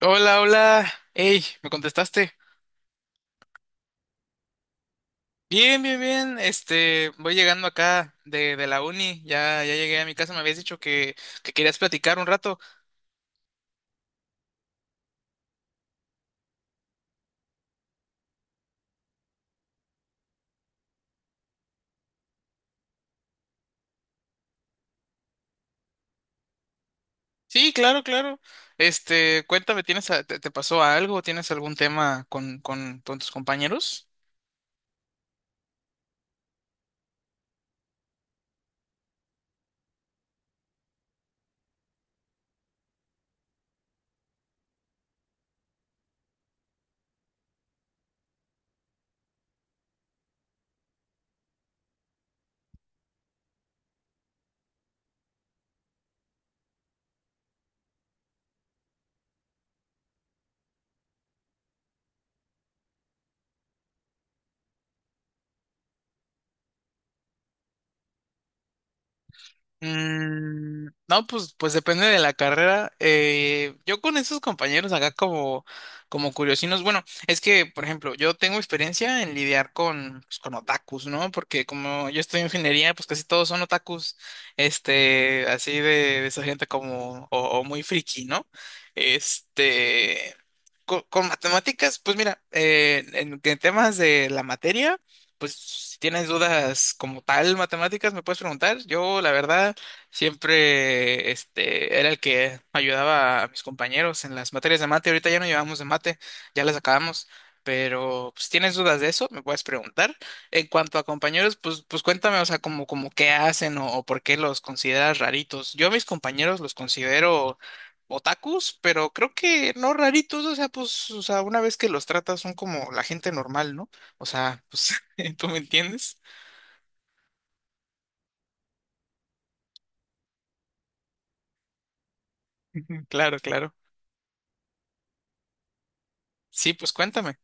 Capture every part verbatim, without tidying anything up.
Hola, hola. Hey, ¿me contestaste? Bien, bien, bien. Este, voy llegando acá de, de la uni. Ya, ya llegué a mi casa. Me habías dicho que, que querías platicar un rato. Sí, claro, claro. Este, cuéntame, ¿tienes, a- te, te pasó algo? ¿Tienes algún tema con, con, con tus compañeros? Mm, no, pues, pues depende de la carrera. Eh, yo con esos compañeros acá como, como curiosinos, bueno, es que, por ejemplo, yo tengo experiencia en lidiar con, pues, con otakus, ¿no? Porque como yo estoy en ingeniería, pues casi todos son otakus, este, así de, de esa gente como, o, o muy friki, ¿no? Este, co- con, matemáticas, pues mira, eh, en en temas de la materia. Pues si tienes dudas como tal matemáticas, me puedes preguntar. Yo, la verdad, siempre este, era el que ayudaba a mis compañeros en las materias de mate. Ahorita ya no llevamos de mate, ya las acabamos. Pero pues, si tienes dudas de eso, me puedes preguntar. En cuanto a compañeros, pues, pues cuéntame, o sea, como, como qué hacen o, o por qué los consideras raritos. Yo a mis compañeros los considero otakus, pero creo que no raritos, o sea, pues, o sea, una vez que los tratas son como la gente normal, ¿no? O sea, pues ¿Tú me entiendes? Claro, claro. Sí, pues cuéntame.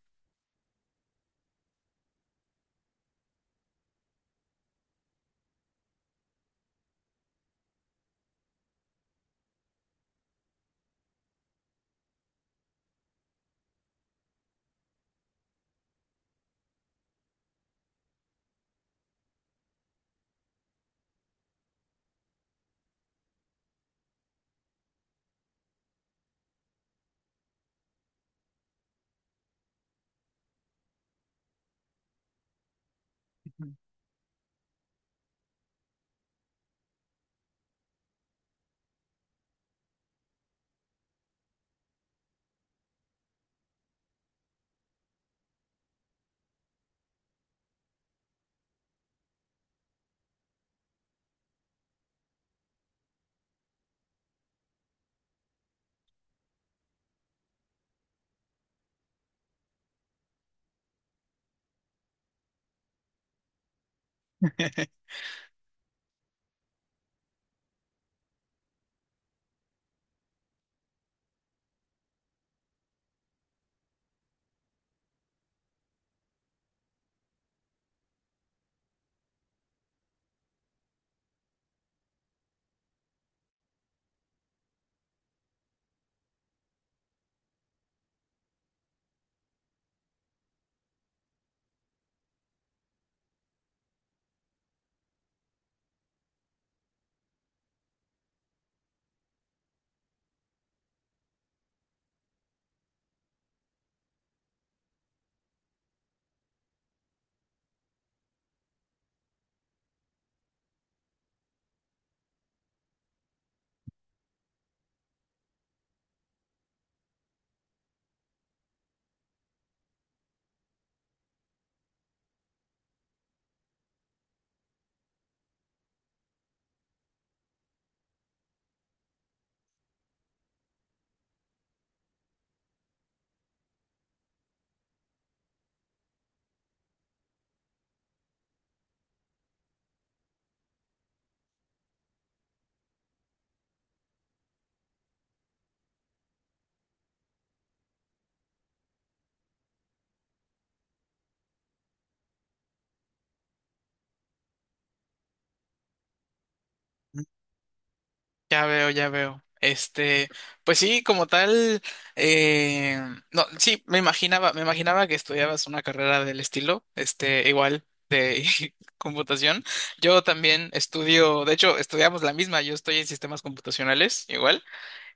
Ya veo, ya veo. Este, pues sí, como tal, eh, no, sí, me imaginaba, me imaginaba que estudiabas una carrera del estilo, este, igual de computación. Yo también estudio, de hecho, estudiamos la misma, yo estoy en sistemas computacionales, igual.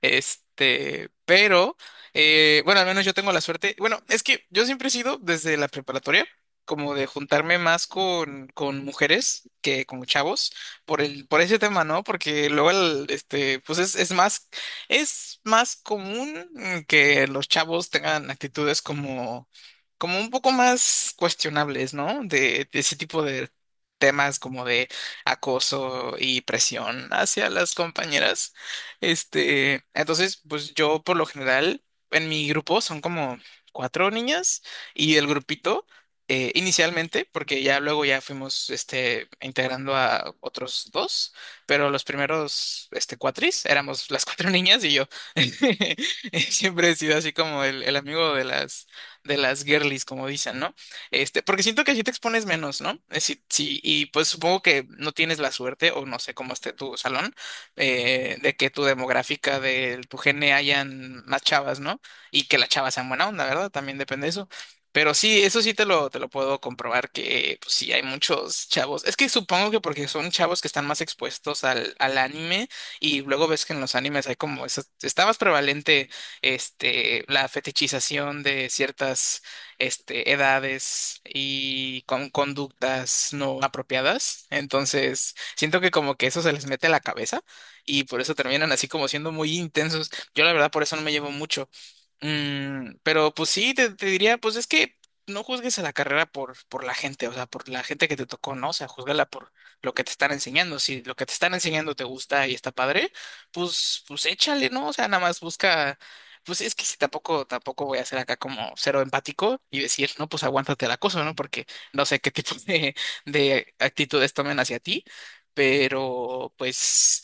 Este, pero, eh, bueno, al menos yo tengo la suerte. Bueno, es que yo siempre he sido desde la preparatoria, como de juntarme más con, con mujeres que con chavos por el, por ese tema, ¿no? Porque luego el, este, pues es, es más, es más común mm, que los chavos tengan actitudes como, como un poco más cuestionables, ¿no? De, de ese tipo de temas como de acoso y presión hacia las compañeras. Este, entonces, pues yo por lo general en mi grupo son como cuatro niñas y el grupito eh, inicialmente, porque ya luego ya fuimos este, integrando a otros dos, pero los primeros este, cuatris éramos las cuatro niñas y yo. Siempre he sido así como el, el amigo de las, de las girlies, como dicen, ¿no? Este, porque siento que si te expones menos, ¿no? Eh, sí, sí, y pues supongo que no tienes la suerte, o no sé cómo esté tu salón, eh, de que tu demográfica, de tu gene hayan más chavas, ¿no? Y que las chavas sean buena onda, ¿verdad? También depende de eso. Pero sí, eso sí te lo, te lo puedo comprobar que pues, sí hay muchos chavos. Es que supongo que porque son chavos que están más expuestos al, al anime y luego ves que en los animes hay como eso, está más prevalente este, la fetichización de ciertas este, edades y con conductas no apropiadas. Entonces, siento que como que eso se les mete a la cabeza y por eso terminan así como siendo muy intensos. Yo la verdad por eso no me llevo mucho. Mm, pero pues sí, te, te diría, pues es que no juzgues a la carrera por, por la gente, o sea, por la gente que te tocó, ¿no? O sea, júzgala por lo que te están enseñando. Si lo que te están enseñando te gusta y está padre, pues, pues échale, ¿no? O sea, nada más busca, pues es que si tampoco, tampoco voy a ser acá como cero empático y decir, no, pues aguántate el acoso, ¿no? Porque no sé qué tipo de, de actitudes tomen hacia ti. Pero pues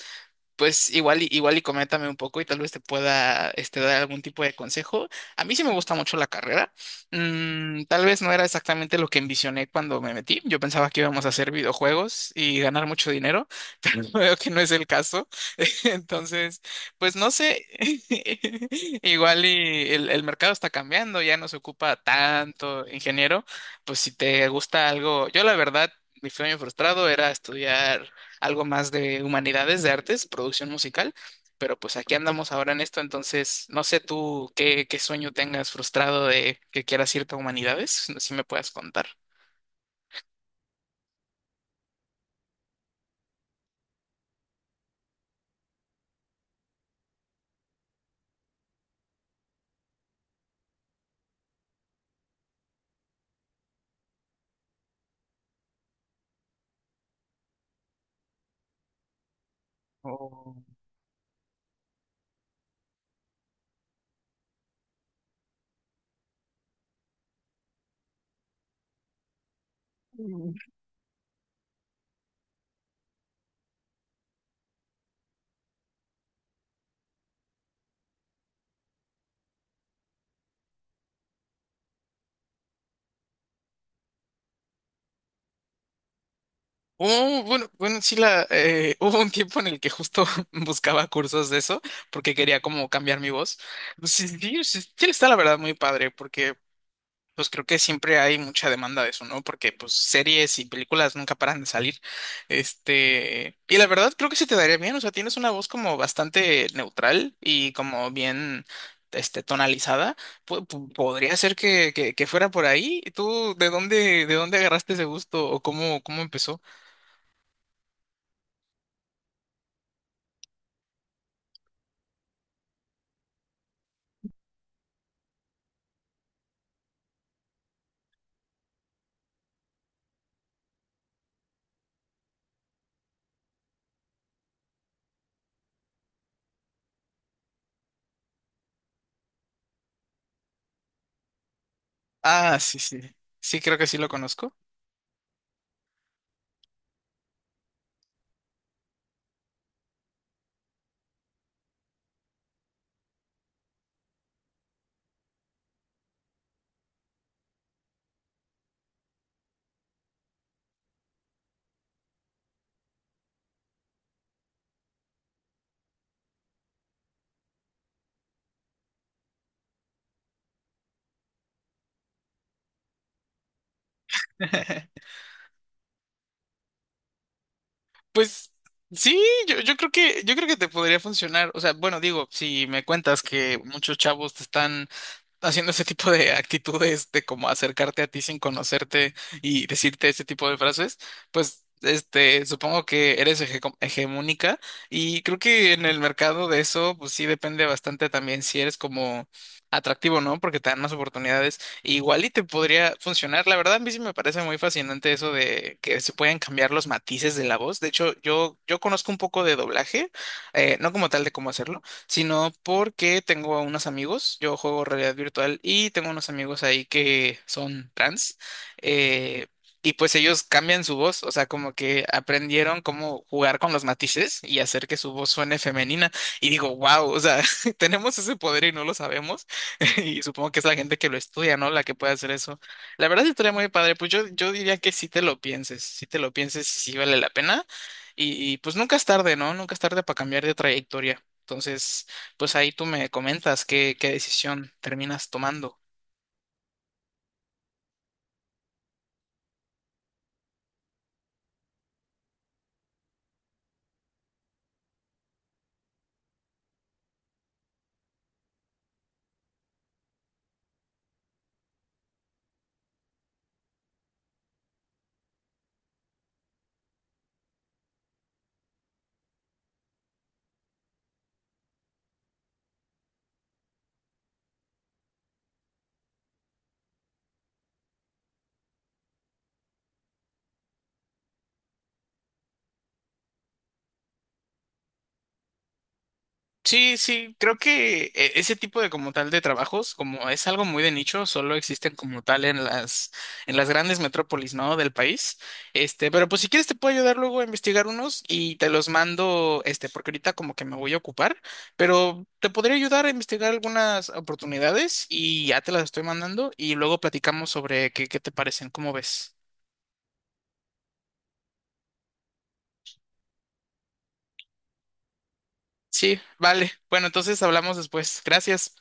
pues igual y, igual y coméntame un poco y tal vez te pueda este, dar algún tipo de consejo. A mí sí me gusta mucho la carrera. Mm, tal vez no era exactamente lo que envisioné cuando me metí. Yo pensaba que íbamos a hacer videojuegos y ganar mucho dinero, pero veo que no es el caso. Entonces, pues no sé. Igual y el, el mercado está cambiando, ya no se ocupa tanto ingeniero. Pues si te gusta algo, yo la verdad, mi sueño frustrado era estudiar algo más de humanidades, de artes, producción musical, pero pues aquí andamos ahora en esto, entonces no sé tú qué, qué sueño tengas frustrado de que quieras irte a humanidades, si si me puedas contar. O- Oh, bueno, bueno, sí, la, eh, hubo un tiempo en el que justo buscaba cursos de eso porque quería como cambiar mi voz. Sí, sí, sí, sí está la verdad muy padre porque pues creo que siempre hay mucha demanda de eso, ¿no? Porque pues series y películas nunca paran de salir. Este, y la verdad creo que se te daría bien, o sea, tienes una voz como bastante neutral y como bien este tonalizada. Po- po- podría ser que, que, que fuera por ahí. ¿Tú de dónde de dónde agarraste ese gusto o cómo cómo empezó? Ah, sí, sí. Sí, creo que sí lo conozco. Pues sí, yo, yo creo que yo creo que te podría funcionar. O sea, bueno, digo, si me cuentas que muchos chavos te están haciendo ese tipo de actitudes de como acercarte a ti sin conocerte y decirte ese tipo de frases, pues este, supongo que eres hege- hegemónica y creo que en el mercado de eso, pues sí depende bastante también si eres como atractivo, ¿no? Porque te dan más oportunidades. Igual y te podría funcionar. La verdad, a mí sí me parece muy fascinante eso de que se pueden cambiar los matices de la voz. De hecho, yo, yo conozco un poco de doblaje, eh, no como tal de cómo hacerlo sino porque tengo a unos amigos, yo juego realidad virtual y tengo unos amigos ahí que son trans, eh, y pues ellos cambian su voz, o sea, como que aprendieron cómo jugar con los matices y hacer que su voz suene femenina. Y digo, wow, o sea, tenemos ese poder y no lo sabemos, y supongo que es la gente que lo estudia, ¿no? La que puede hacer eso. La verdad sí estaría muy padre, pues yo, yo diría que si te lo pienses, si te lo pienses, sí vale la pena. Y, y pues nunca es tarde, ¿no? Nunca es tarde para cambiar de trayectoria. Entonces, pues ahí tú me comentas qué, qué decisión terminas tomando. Sí, sí, creo que eh, ese tipo de como tal de trabajos, como es algo muy de nicho, solo existen como tal en las en las grandes metrópolis, ¿no? Del país. Este, pero pues si quieres te puedo ayudar luego a investigar unos y te los mando, este, porque ahorita como que me voy a ocupar, pero te podría ayudar a investigar algunas oportunidades y ya te las estoy mandando y luego platicamos sobre qué, qué te parecen, ¿cómo ves? Sí, vale. Bueno, entonces hablamos después. Gracias.